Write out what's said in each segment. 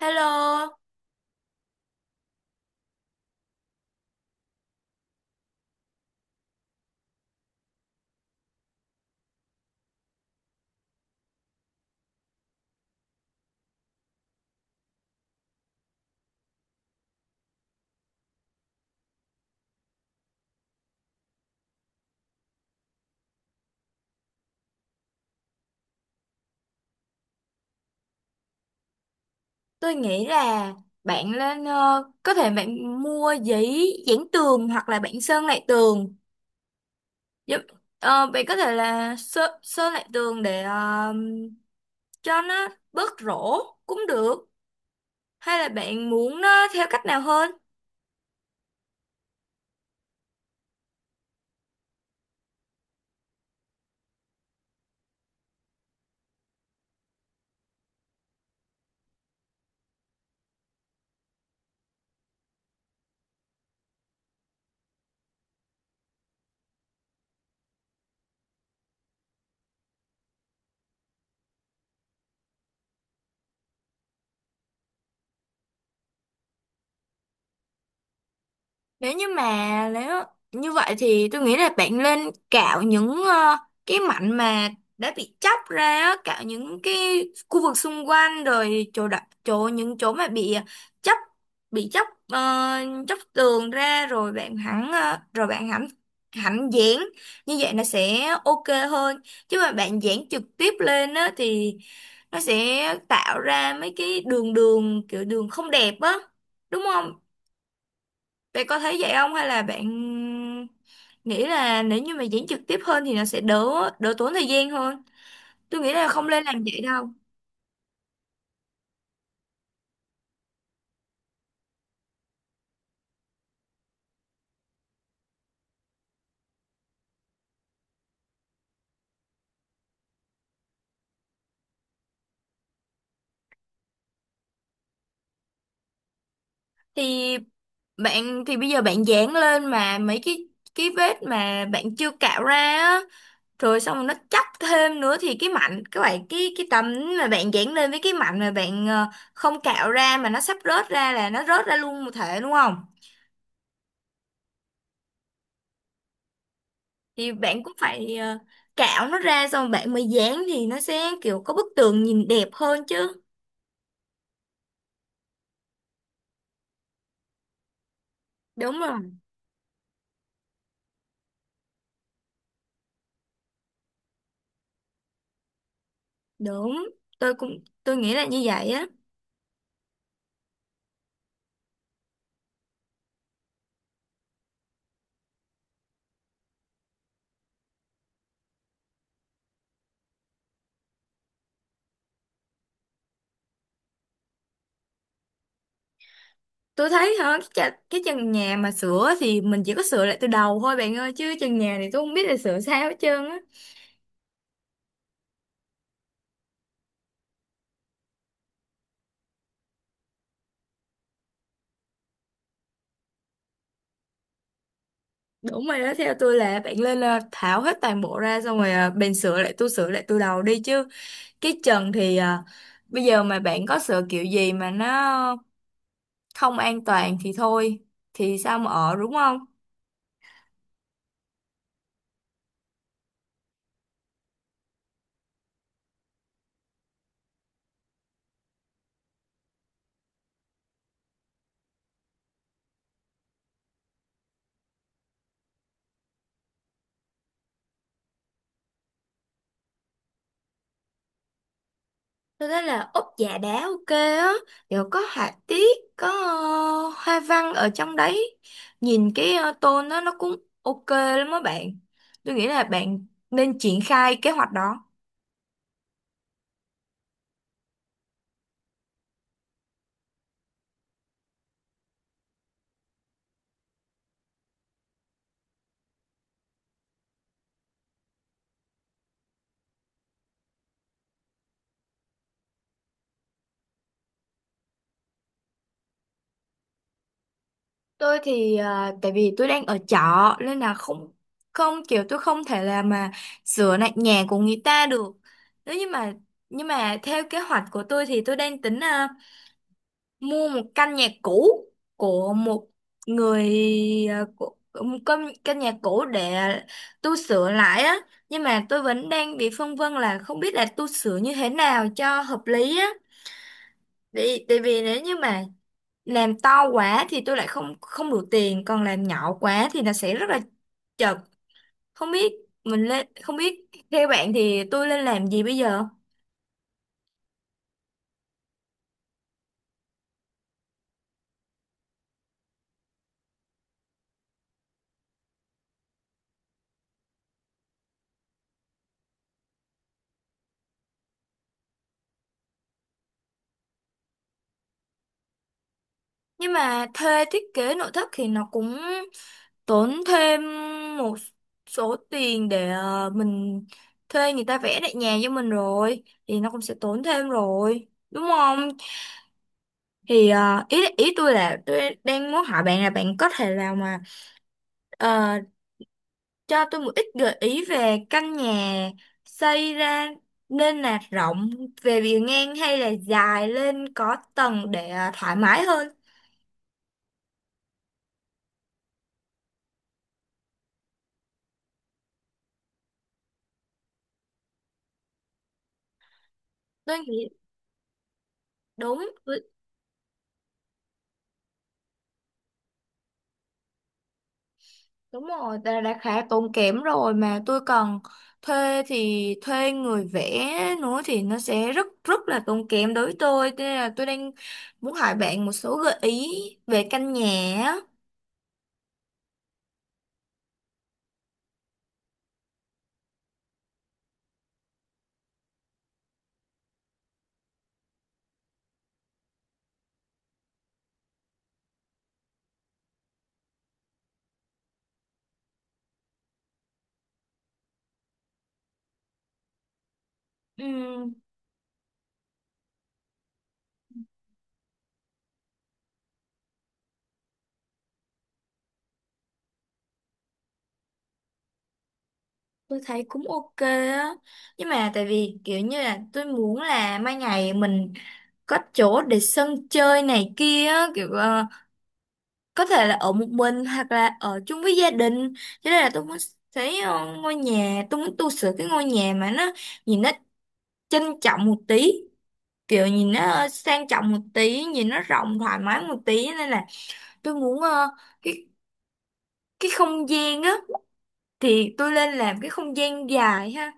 Hello, tôi nghĩ là bạn lên có thể bạn mua giấy dán tường hoặc là bạn sơn lại tường. Giúp, Bạn có thể là sơn lại tường để cho nó bớt rỗ cũng được. Hay là bạn muốn nó theo cách nào hơn? Nếu như vậy thì tôi nghĩ là bạn nên cạo những cái mảnh mà đã bị chóc ra á, cạo những cái khu vực xung quanh rồi chỗ đặt chỗ những chỗ mà chóc bị chóc chóc tường ra, rồi rồi bạn hẳn hẳn dán, như vậy nó sẽ ok hơn. Chứ mà bạn dán trực tiếp lên á thì nó sẽ tạo ra mấy cái đường đường kiểu đường không đẹp á, đúng không? Bạn có thấy vậy không, hay là bạn nghĩ là nếu như mà diễn trực tiếp hơn thì nó sẽ đỡ đỡ tốn thời gian hơn? Tôi nghĩ là không nên làm vậy đâu. Thì thì bây giờ bạn dán lên mà mấy cái vết mà bạn chưa cạo ra á, rồi xong rồi nó chắc thêm nữa, thì cái mảnh các bạn, cái tấm mà bạn dán lên với cái mảnh mà bạn không cạo ra mà nó sắp rớt ra, là nó rớt ra luôn một thể, đúng không? Thì bạn cũng phải cạo nó ra xong bạn mới dán, thì nó sẽ kiểu có bức tường nhìn đẹp hơn chứ. Đúng rồi, đúng, tôi nghĩ là như vậy á. Tôi thấy hả cái, cái trần nhà mà sửa thì mình chỉ có sửa lại từ đầu thôi bạn ơi, chứ trần nhà thì tôi không biết là sửa sao hết trơn á. Đúng rồi đó, theo tôi là bạn lên tháo hết toàn bộ ra, xong rồi bạn sửa lại tôi sửa lại từ đầu đi chứ. Cái trần thì bây giờ mà bạn có sửa kiểu gì mà nó không an toàn thì thôi, thì sao mà ở, đúng không? Tôi thấy là úp dạ đá ok á, kiểu có họa tiết, có hoa văn ở trong đấy. Nhìn cái tôn đó nó cũng ok lắm á bạn. Tôi nghĩ là bạn nên triển khai kế hoạch đó. Tôi thì tại vì tôi đang ở trọ nên là không không kiểu tôi không thể là mà sửa lại nhà của người ta được. Nếu như mà nhưng mà theo kế hoạch của tôi thì tôi đang tính mua một căn nhà cũ của một người của một căn căn nhà cũ để tu sửa lại á, nhưng mà tôi vẫn đang bị phân vân là không biết là tu sửa như thế nào cho hợp lý á, vì nếu như mà làm to quá thì tôi lại không không đủ tiền, còn làm nhỏ quá thì nó sẽ rất là chật. Không biết mình lên không biết theo bạn thì tôi nên làm gì bây giờ? Nhưng mà thuê thiết kế nội thất thì nó cũng tốn thêm một số tiền để mình thuê người ta vẽ lại nhà cho mình, rồi thì nó cũng sẽ tốn thêm rồi, đúng không? Thì ý ý tôi là tôi đang muốn hỏi bạn là bạn có thể nào mà ờ, cho tôi một ít gợi ý về căn nhà xây ra, nên là rộng về bề ngang hay là dài lên có tầng để thoải mái hơn. Tôi nghĩ đúng. Đúng rồi, ta đã khá tốn kém rồi, mà tôi còn thuê thì thuê người vẽ nữa thì nó sẽ rất rất là tốn kém đối với tôi. Thế nên là tôi đang muốn hỏi bạn một số gợi ý về căn nhà á. Ừm, tôi thấy cũng ok á. Nhưng mà tại vì kiểu như là tôi muốn là mai ngày mình có chỗ để sân chơi này kia á, kiểu có thể là ở một mình hoặc là ở chung với gia đình, cho nên là tôi muốn thấy ờ, ngôi nhà tôi muốn tu sửa cái ngôi nhà mà nó nhìn nó trân trọng một tí, kiểu nhìn nó sang trọng một tí, nhìn nó rộng thoải mái một tí, nên là tôi muốn cái cái không gian á thì tôi lên làm cái không gian dài ha.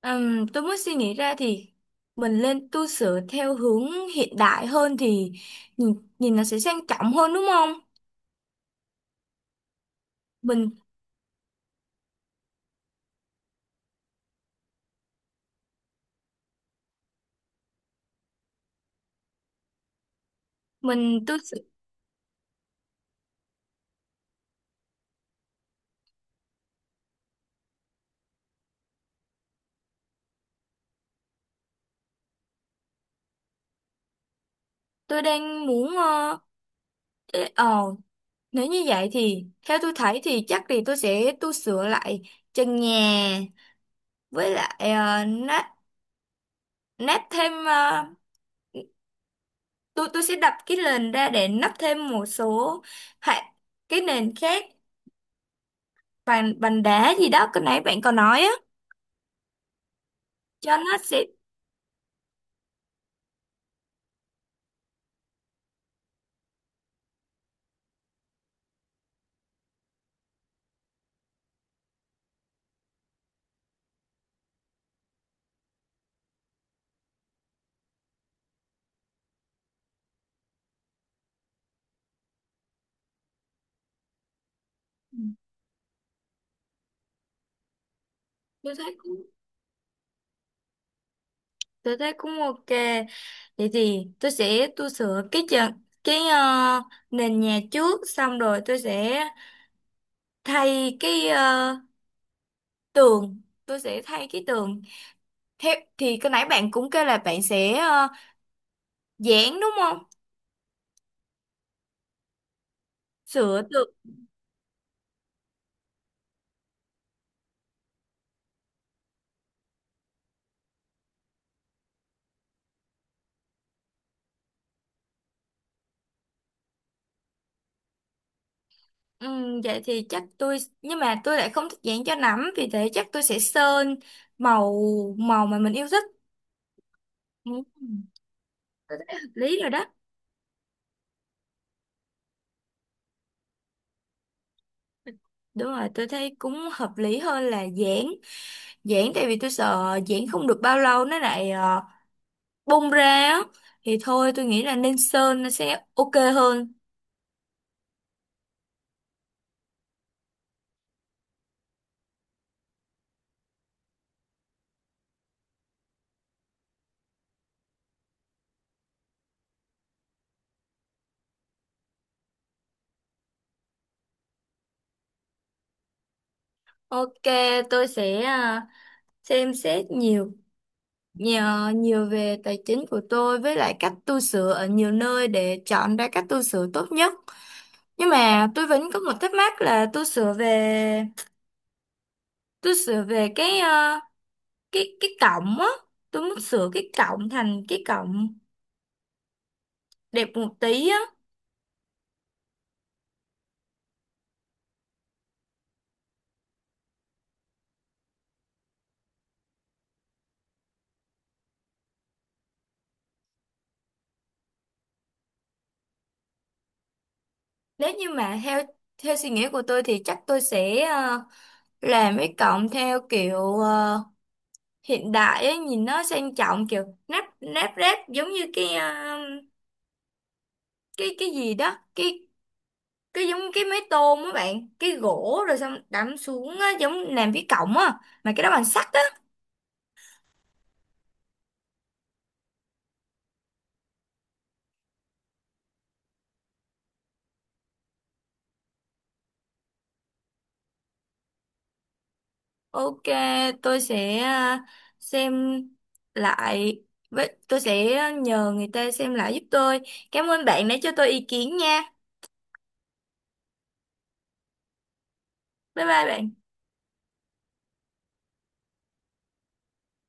Tôi mới suy nghĩ ra thì mình lên tu sửa theo hướng hiện đại hơn thì nhìn nó sẽ sang trọng hơn, đúng không? Mình mình tu tôi đang muốn ờ ế- ờ Nếu như vậy thì theo tôi thấy thì chắc thì tôi sẽ tu sửa lại trần nhà, với lại nát nát thêm tôi sẽ đập cái nền ra để nắp thêm một số hạ cái nền khác, bàn bàn đá gì đó cái nãy bạn còn nói á. Cho nó sẽ ừ, tôi thấy cũng tôi thấy cũng ok. Vậy thì tôi sẽ tu sửa cái cái ờ, nền nhà trước, xong rồi tôi sẽ thay cái ờ, tường tôi sẽ thay cái tường. Thế thì cái nãy bạn cũng kêu là bạn sẽ dán, đúng không? Sửa tường. Vậy thì chắc tôi nhưng mà tôi lại không thích dán cho lắm, vì thế chắc tôi sẽ sơn màu màu mà mình yêu thích. Ừm, tôi thấy hợp lý rồi đó. Đúng rồi, tôi thấy cũng hợp lý hơn là dán dán tại vì tôi sợ dán không được bao lâu nó lại bung ra á, thì thôi tôi nghĩ là nên sơn, nó sẽ ok hơn. Ok, tôi sẽ xem xét nhiều nhờ nhiều về tài chính của tôi với lại cách tu sửa ở nhiều nơi để chọn ra cách tu sửa tốt nhất. Nhưng mà tôi vẫn có một thắc mắc là tôi sửa về cái à, cái cái cổng á, tôi muốn sửa cái cổng thành cái cổng đẹp một tí á. Nếu như mà theo theo suy nghĩ của tôi thì chắc tôi sẽ làm cái cổng theo kiểu hiện đại ấy, nhìn nó sang trọng, kiểu nắp nắp ráp giống như cái gì đó cái giống cái máy tôm á bạn, cái gỗ rồi xong đắm xuống á, giống làm cái cổng á mà cái đó bằng sắt á. Ok, tôi sẽ xem lại, với tôi sẽ nhờ người ta xem lại giúp tôi. Cảm ơn bạn đã cho tôi ý kiến nha. Bye bye bạn.